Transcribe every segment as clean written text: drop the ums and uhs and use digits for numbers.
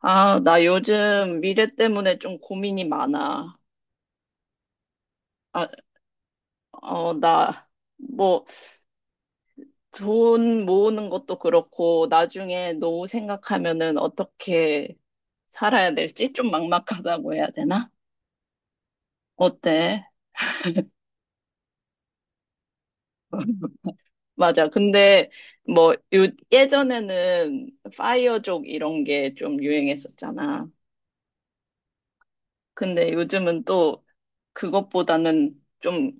아, 나 요즘 미래 때문에 좀 고민이 많아. 아, 어, 나, 뭐, 돈 모으는 것도 그렇고, 나중에 노후 생각하면은 어떻게 살아야 될지 좀 막막하다고 해야 되나? 어때? 맞아. 뭐, 요, 예전에는 파이어족 이런 게 좀 유행했었잖아. 근데 요즘은 또 그것보다는 좀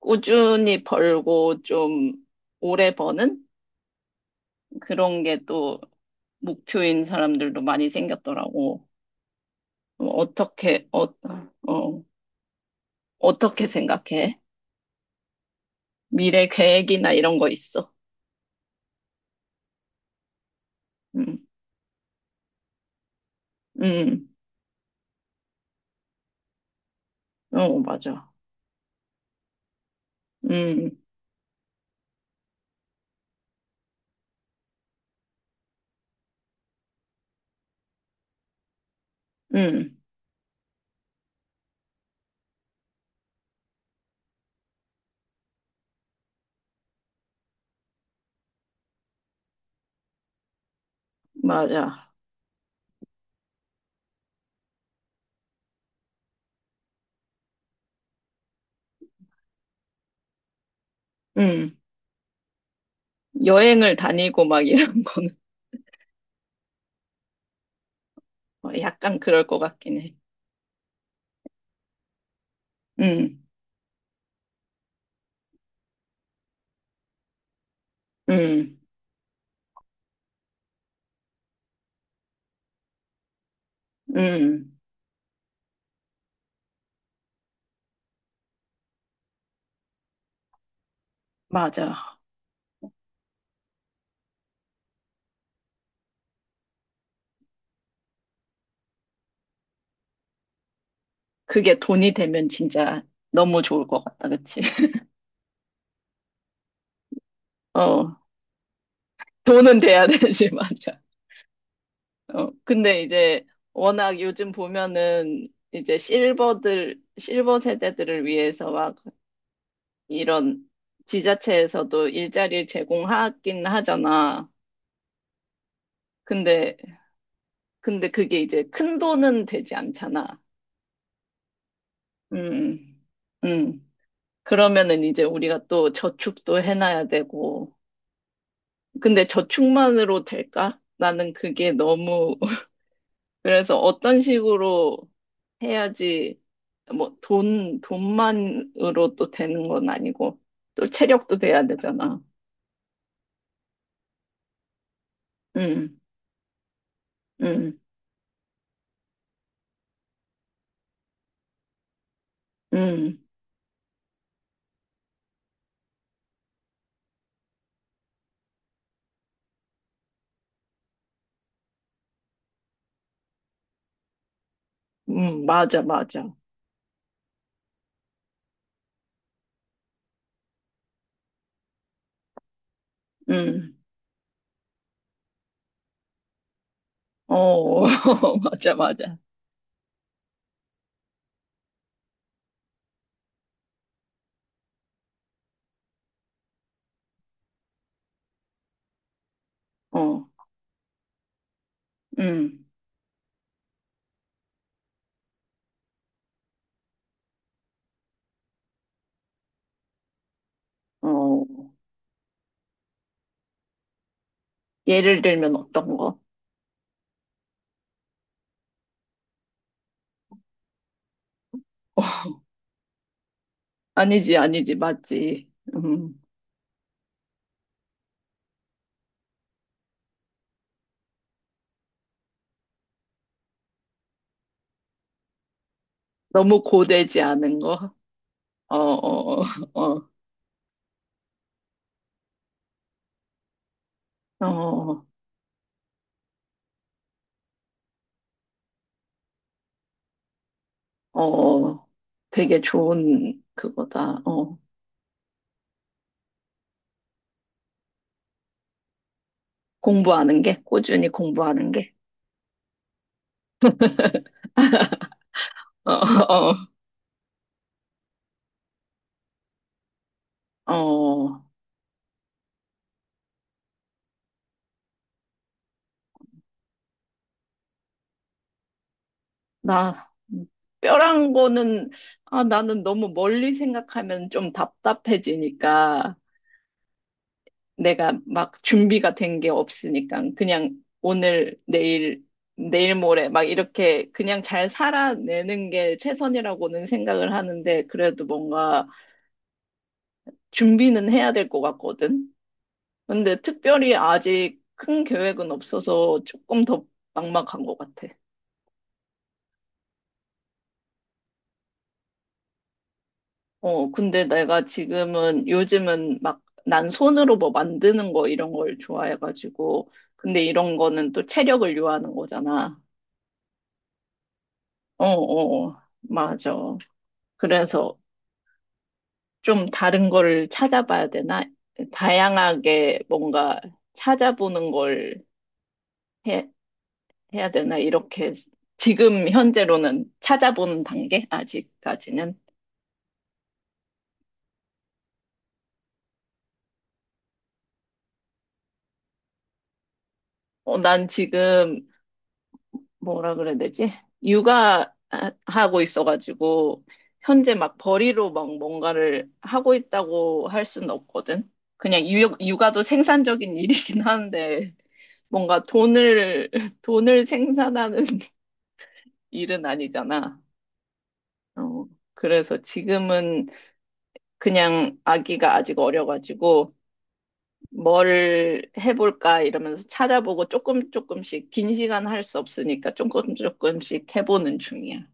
꾸준히 벌고 좀 오래 버는? 그런 게 또 목표인 사람들도 많이 생겼더라고. 어, 어떻게, 어, 어, 어떻게 생각해? 미래 계획이나 이런 거 있어? 음, 음, 어, 맞아. 음, 음, 맞아. 음, 여행을 다니고 막 이런 거는 어, 약간 그럴 것 같긴 해. 음, 음, 음, 맞아. 그게 돈이 되면 진짜 너무 좋을 것 같다, 그치? 어, 돈은 돼야 되지, 맞아. 어, 근데 이제 워낙 요즘 보면은 이제 실버들, 실버 세대들을 위해서 막 이런 지자체에서도 일자리를 제공하긴 하잖아. 근데, 근데 그게 이제 큰 돈은 되지 않잖아. 음, 음. 그러면은 이제 우리가 또 저축도 해놔야 되고. 근데 저축만으로 될까? 나는 그게 너무 그래서 어떤 식으로 해야지 뭐 돈만으로 또 되는 건 아니고 또 체력도 돼야 되잖아. 응, 응, 응, 응, 맞아, 맞아. 응, 어, 맞아, 맞아. 어, 응, 어. 예를 들면 어떤 거? 아니지, 아니지, 맞지. 음, 너무 고되지 않은 거? 어, 어, 어, 어, 어, 어, 되게 좋은 그거다. 어, 공부하는 게, 꾸준히 공부하는 게. 어, 어, 어. 나, 뼈란 거는, 아, 나는 너무 멀리 생각하면 좀 답답해지니까, 내가 막 준비가 된 게 없으니까, 그냥 오늘, 내일, 내일 모레, 막 이렇게 그냥 잘 살아내는 게 최선이라고는 생각을 하는데, 그래도 뭔가 준비는 해야 될 것 같거든? 근데 특별히 아직 큰 계획은 없어서 조금 더 막막한 것 같아. 어, 근데 내가 지금은 요즘은 막 난 손으로 뭐 만드는 거 이런 걸 좋아해가지고 근데 이런 거는 또 체력을 요하는 거잖아. 맞아. 그래서 좀 다른 거를 찾아봐야 되나? 다양하게 뭔가 찾아보는 걸 해, 해야 되나? 이렇게 지금 현재로는 찾아보는 단계? 아직까지는. 어, 난 지금 뭐라 그래야 되지? 육아하고 있어가지고, 현재 막 벌이로 막 뭔가를 하고 있다고 할 수는 없거든. 그냥 육아도 생산적인 일이긴 한데, 뭔가 돈을 생산하는 일은 아니잖아. 어, 그래서 지금은 그냥 아기가 아직 어려가지고, 뭘 해볼까 이러면서 찾아보고 조금 조금씩 긴 시간 할 수 없으니까 조금 조금씩 해보는 중이야.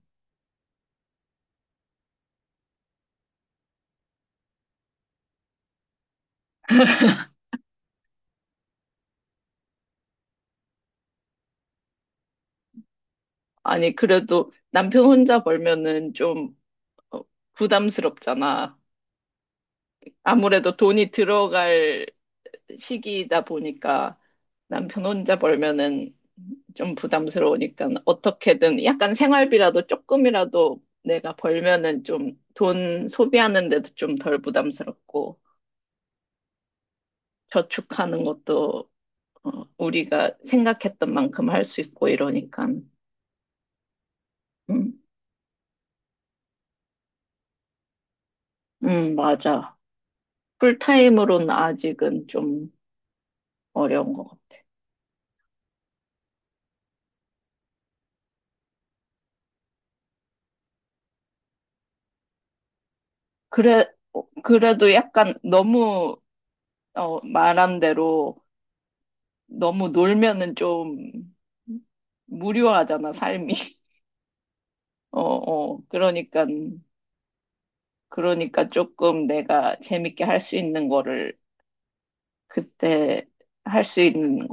아니, 그래도 남편 혼자 벌면은 좀 어, 부담스럽잖아. 아무래도 돈이 들어갈 시기이다 보니까 남편 혼자 벌면은 좀 부담스러우니까 어떻게든 약간 생활비라도 조금이라도 내가 벌면은 좀 돈 소비하는 데도 좀 덜 부담스럽고 저축하는 것도 어, 우리가 생각했던 만큼 할 수 있고 이러니까. 음, 맞아. 풀타임으로는 아직은 좀 어려운 거. 그래, 어, 그래도 약간 너무, 어, 말한 대로 너무 놀면은 좀 무료하잖아, 삶이. 어, 어. 그러니까 조금 내가 재밌게 할 수 있는 거를 그때 할 수 있는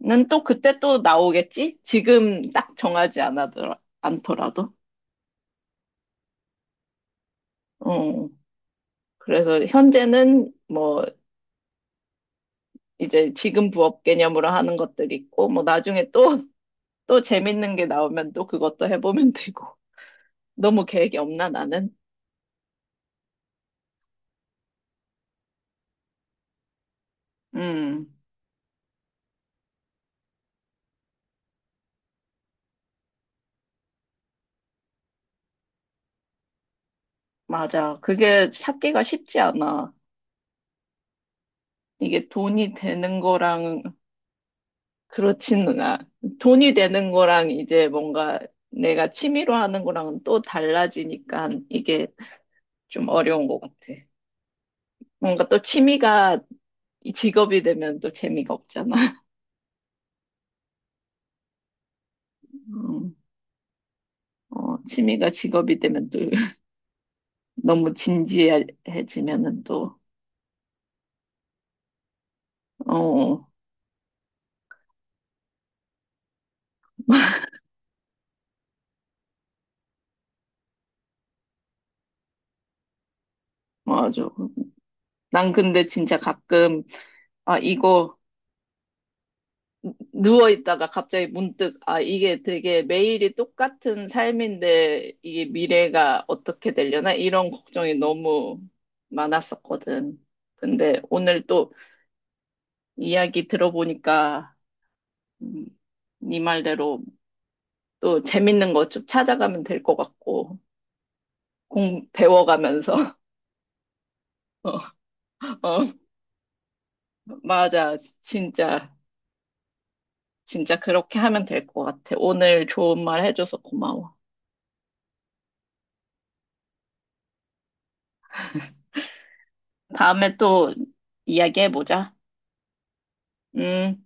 거는 또 그때 또 나오겠지? 지금 딱 않더라도. 어. 그래서 현재는 뭐, 이제 지금 부업 개념으로 하는 것들이 있고, 뭐 나중에 또 재밌는 게 나오면 또 그것도 해보면 되고. 너무 계획이 없나, 나는? 음, 맞아. 그게 찾기가 쉽지 않아. 이게 돈이 되는 거랑 그렇지는 않아. 돈이 되는 거랑 이제 뭔가 내가 취미로 하는 거랑은 또 달라지니까 이게 좀 어려운 것 같아. 뭔가 또 취미가 이 직업이 되면 또 재미가 없잖아? 음, 어, 취미가 직업이 되면 또 너무 진지해지면은 또, 어, 맞아. 난 근데 진짜 가끔, 아, 이거 누워있다가 갑자기 문득, 아, 이게 되게 매일이 똑같은 삶인데 이게 미래가 어떻게 되려나? 이런 걱정이 너무 많았었거든. 근데 오늘 또 이야기 들어보니까, 음, 네 말대로 또 재밌는 거 좀 찾아가면 될 것 같고, 배워가면서. 어, 어, 맞아. 진짜, 진짜 그렇게 하면 될 것 같아. 오늘 좋은 말 해줘서 고마워. 다음에 또 이야기해보자. 음.